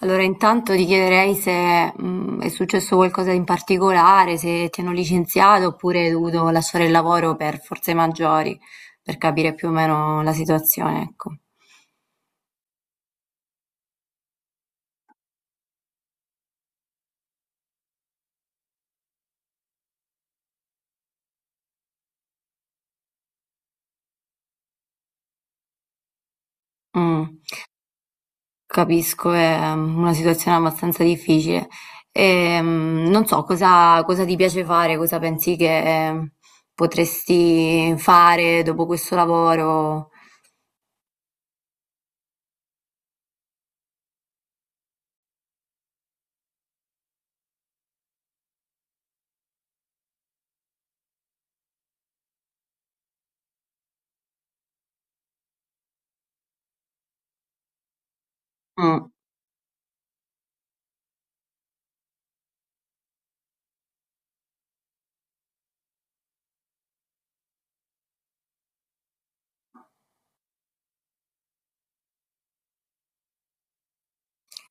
Allora intanto ti chiederei se, è successo qualcosa in particolare, se ti hanno licenziato oppure hai dovuto lasciare il lavoro per forze maggiori, per capire più o meno la situazione, ecco. Mh, capisco, è una situazione abbastanza difficile. Non so cosa ti piace fare, cosa pensi che potresti fare dopo questo lavoro. Mh.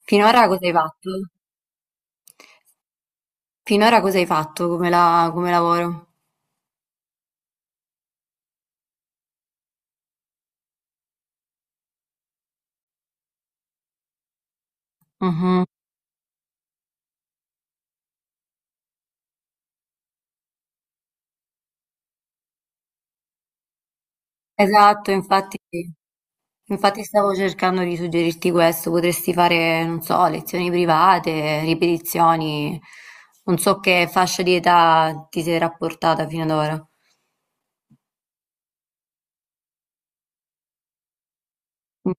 Finora cosa hai fatto? Finora cosa hai fatto come la come lavoro? Mh-mh. Esatto, infatti stavo cercando di suggerirti questo, potresti fare, non so, lezioni private, ripetizioni, non so che fascia di età ti sei rapportata fino ad ora. Mm.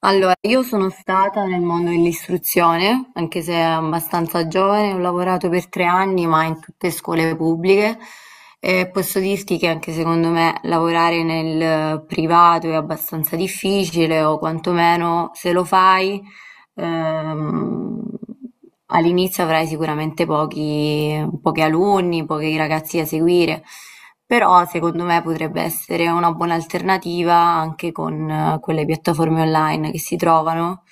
Allora, io sono stata nel mondo dell'istruzione, anche se abbastanza giovane, ho lavorato per 3 anni, ma in tutte scuole pubbliche e posso dirti che anche secondo me lavorare nel privato è abbastanza difficile, o quantomeno se lo fai. Ehm, all'inizio avrai sicuramente pochi, pochi alunni, pochi ragazzi da seguire, però secondo me potrebbe essere una buona alternativa anche con quelle piattaforme online che si trovano,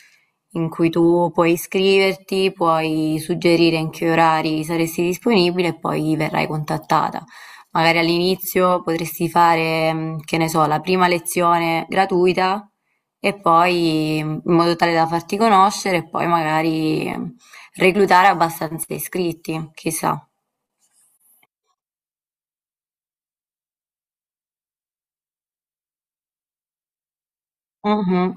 in cui tu puoi iscriverti, puoi suggerire in che orari saresti disponibile e poi verrai contattata. Magari all'inizio potresti fare, che ne so, la prima lezione gratuita e poi in modo tale da farti conoscere e poi magari reclutare abbastanza iscritti, chissà. Mhm.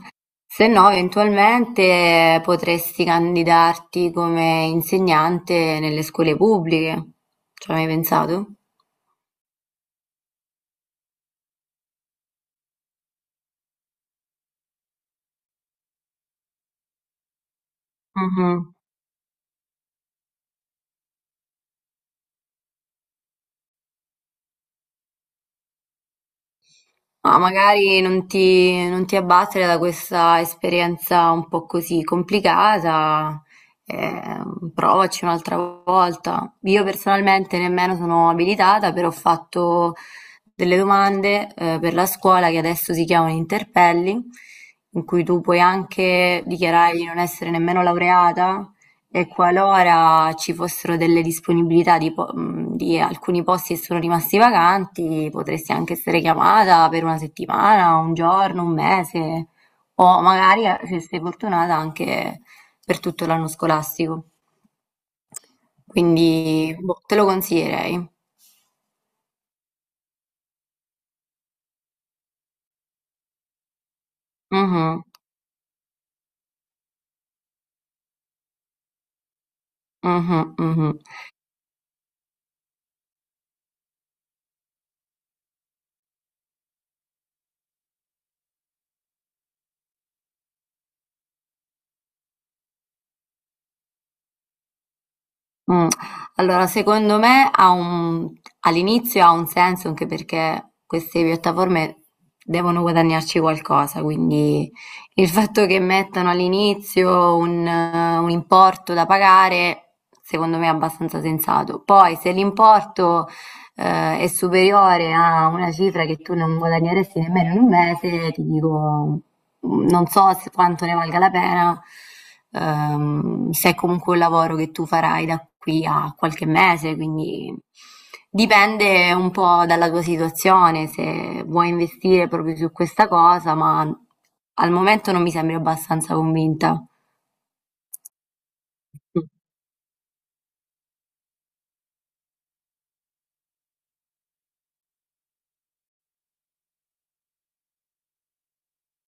Se no, eventualmente potresti candidarti come insegnante nelle scuole pubbliche. Ci hai mai pensato? Mhm. Ma magari non ti, non ti abbattere da questa esperienza un po' così complicata, eh, provaci un'altra volta. Io personalmente nemmeno sono abilitata, però ho fatto delle domande, per la scuola che adesso si chiamano interpelli, in cui tu puoi anche dichiarare di non essere nemmeno laureata, e qualora ci fossero delle disponibilità di, di alcuni posti che sono rimasti vacanti, potresti anche essere chiamata per una settimana, un giorno, un mese, o magari, se sei fortunata, anche per tutto l'anno scolastico. Quindi, boh, te lo consiglierei. Mhm, mhm, mhm. Mh, allora secondo me ha un all'inizio ha un senso anche perché queste piattaforme devono guadagnarci qualcosa, quindi il fatto che mettano all'inizio un importo da pagare, secondo me è abbastanza sensato. Poi se l'importo, è superiore a una cifra che tu non guadagneresti nemmeno in un mese, ti dico non so se quanto ne valga la pena, se è comunque un lavoro che tu farai da qui a qualche mese, quindi dipende un po' dalla tua situazione, se vuoi investire proprio su questa cosa, ma al momento non mi sembri abbastanza convinta.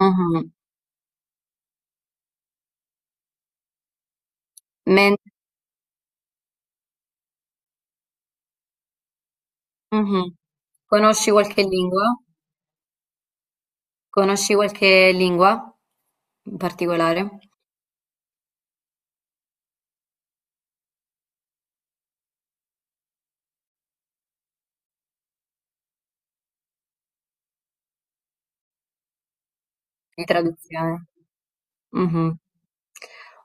Mhm. Men- mhm. Conosci qualche lingua? Conosci qualche lingua in particolare di traduzione? Mh-mh.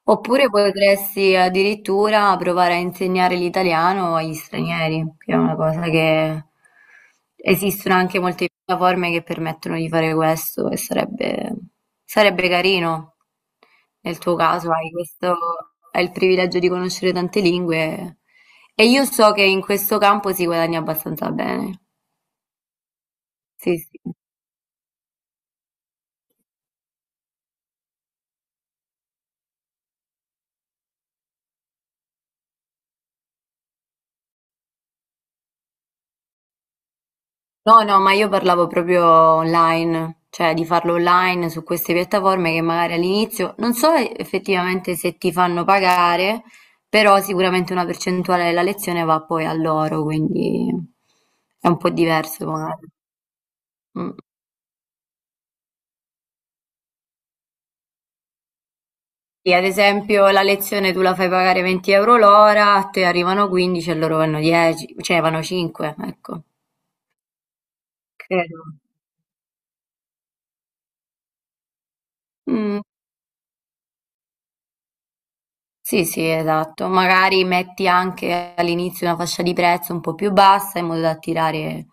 Oppure potresti addirittura provare a insegnare l'italiano agli stranieri, che è una cosa che esistono anche molte piattaforme che permettono di fare questo e sarebbe carino. Nel tuo caso hai il privilegio di conoscere tante lingue e io so che in questo campo si guadagna abbastanza bene. Sì, sì. No, no, ma io parlavo proprio online, cioè di farlo online su queste piattaforme che magari all'inizio non so effettivamente se ti fanno pagare, però sicuramente una percentuale della lezione va poi a loro, quindi è un po' diverso magari. Mm. Sì, ad esempio la lezione tu la fai pagare 20 euro l'ora, a te arrivano 15 e loro vanno 10, cioè vanno 5, ecco. Credo. Mm. Sì, sì, esatto. Magari metti anche all'inizio una fascia di prezzo un po' più bassa in modo da attirare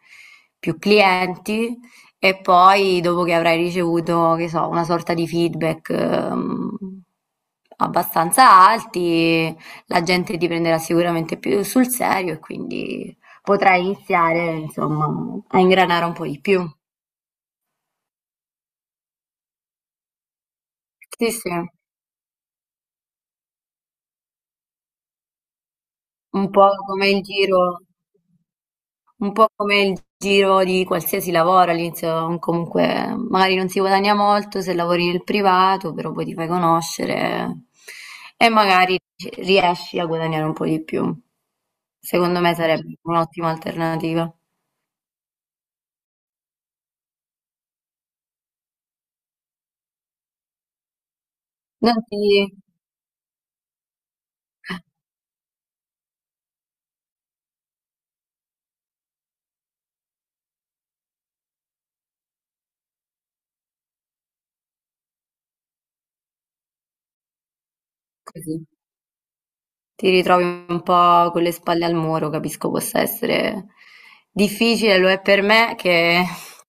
più clienti e poi dopo che avrai ricevuto, che so, una sorta di feedback abbastanza alti, la gente ti prenderà sicuramente più sul serio e quindi potrai iniziare, insomma, a ingranare un po' di più. Sì, sì, un po' come il giro. Un po' come il giro di qualsiasi lavoro, all'inizio comunque magari non si guadagna molto se lavori nel privato, però poi ti fai conoscere e magari riesci a guadagnare un po' di più. Secondo me sarebbe un'ottima alternativa. Non ti, così, ti ritrovi un po' con le spalle al muro, capisco possa essere difficile, lo è per me che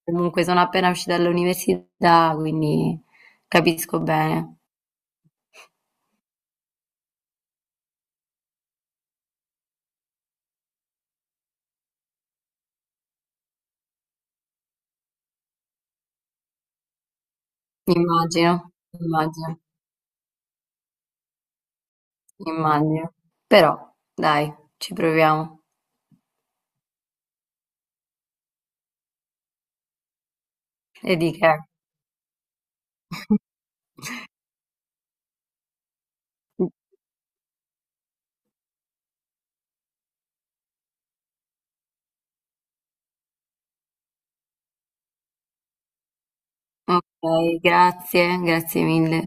comunque sono appena uscita dall'università, quindi capisco bene. Immagino, immagino, immagino. Però dai, ci proviamo. E di che. Okay, grazie, grazie mille.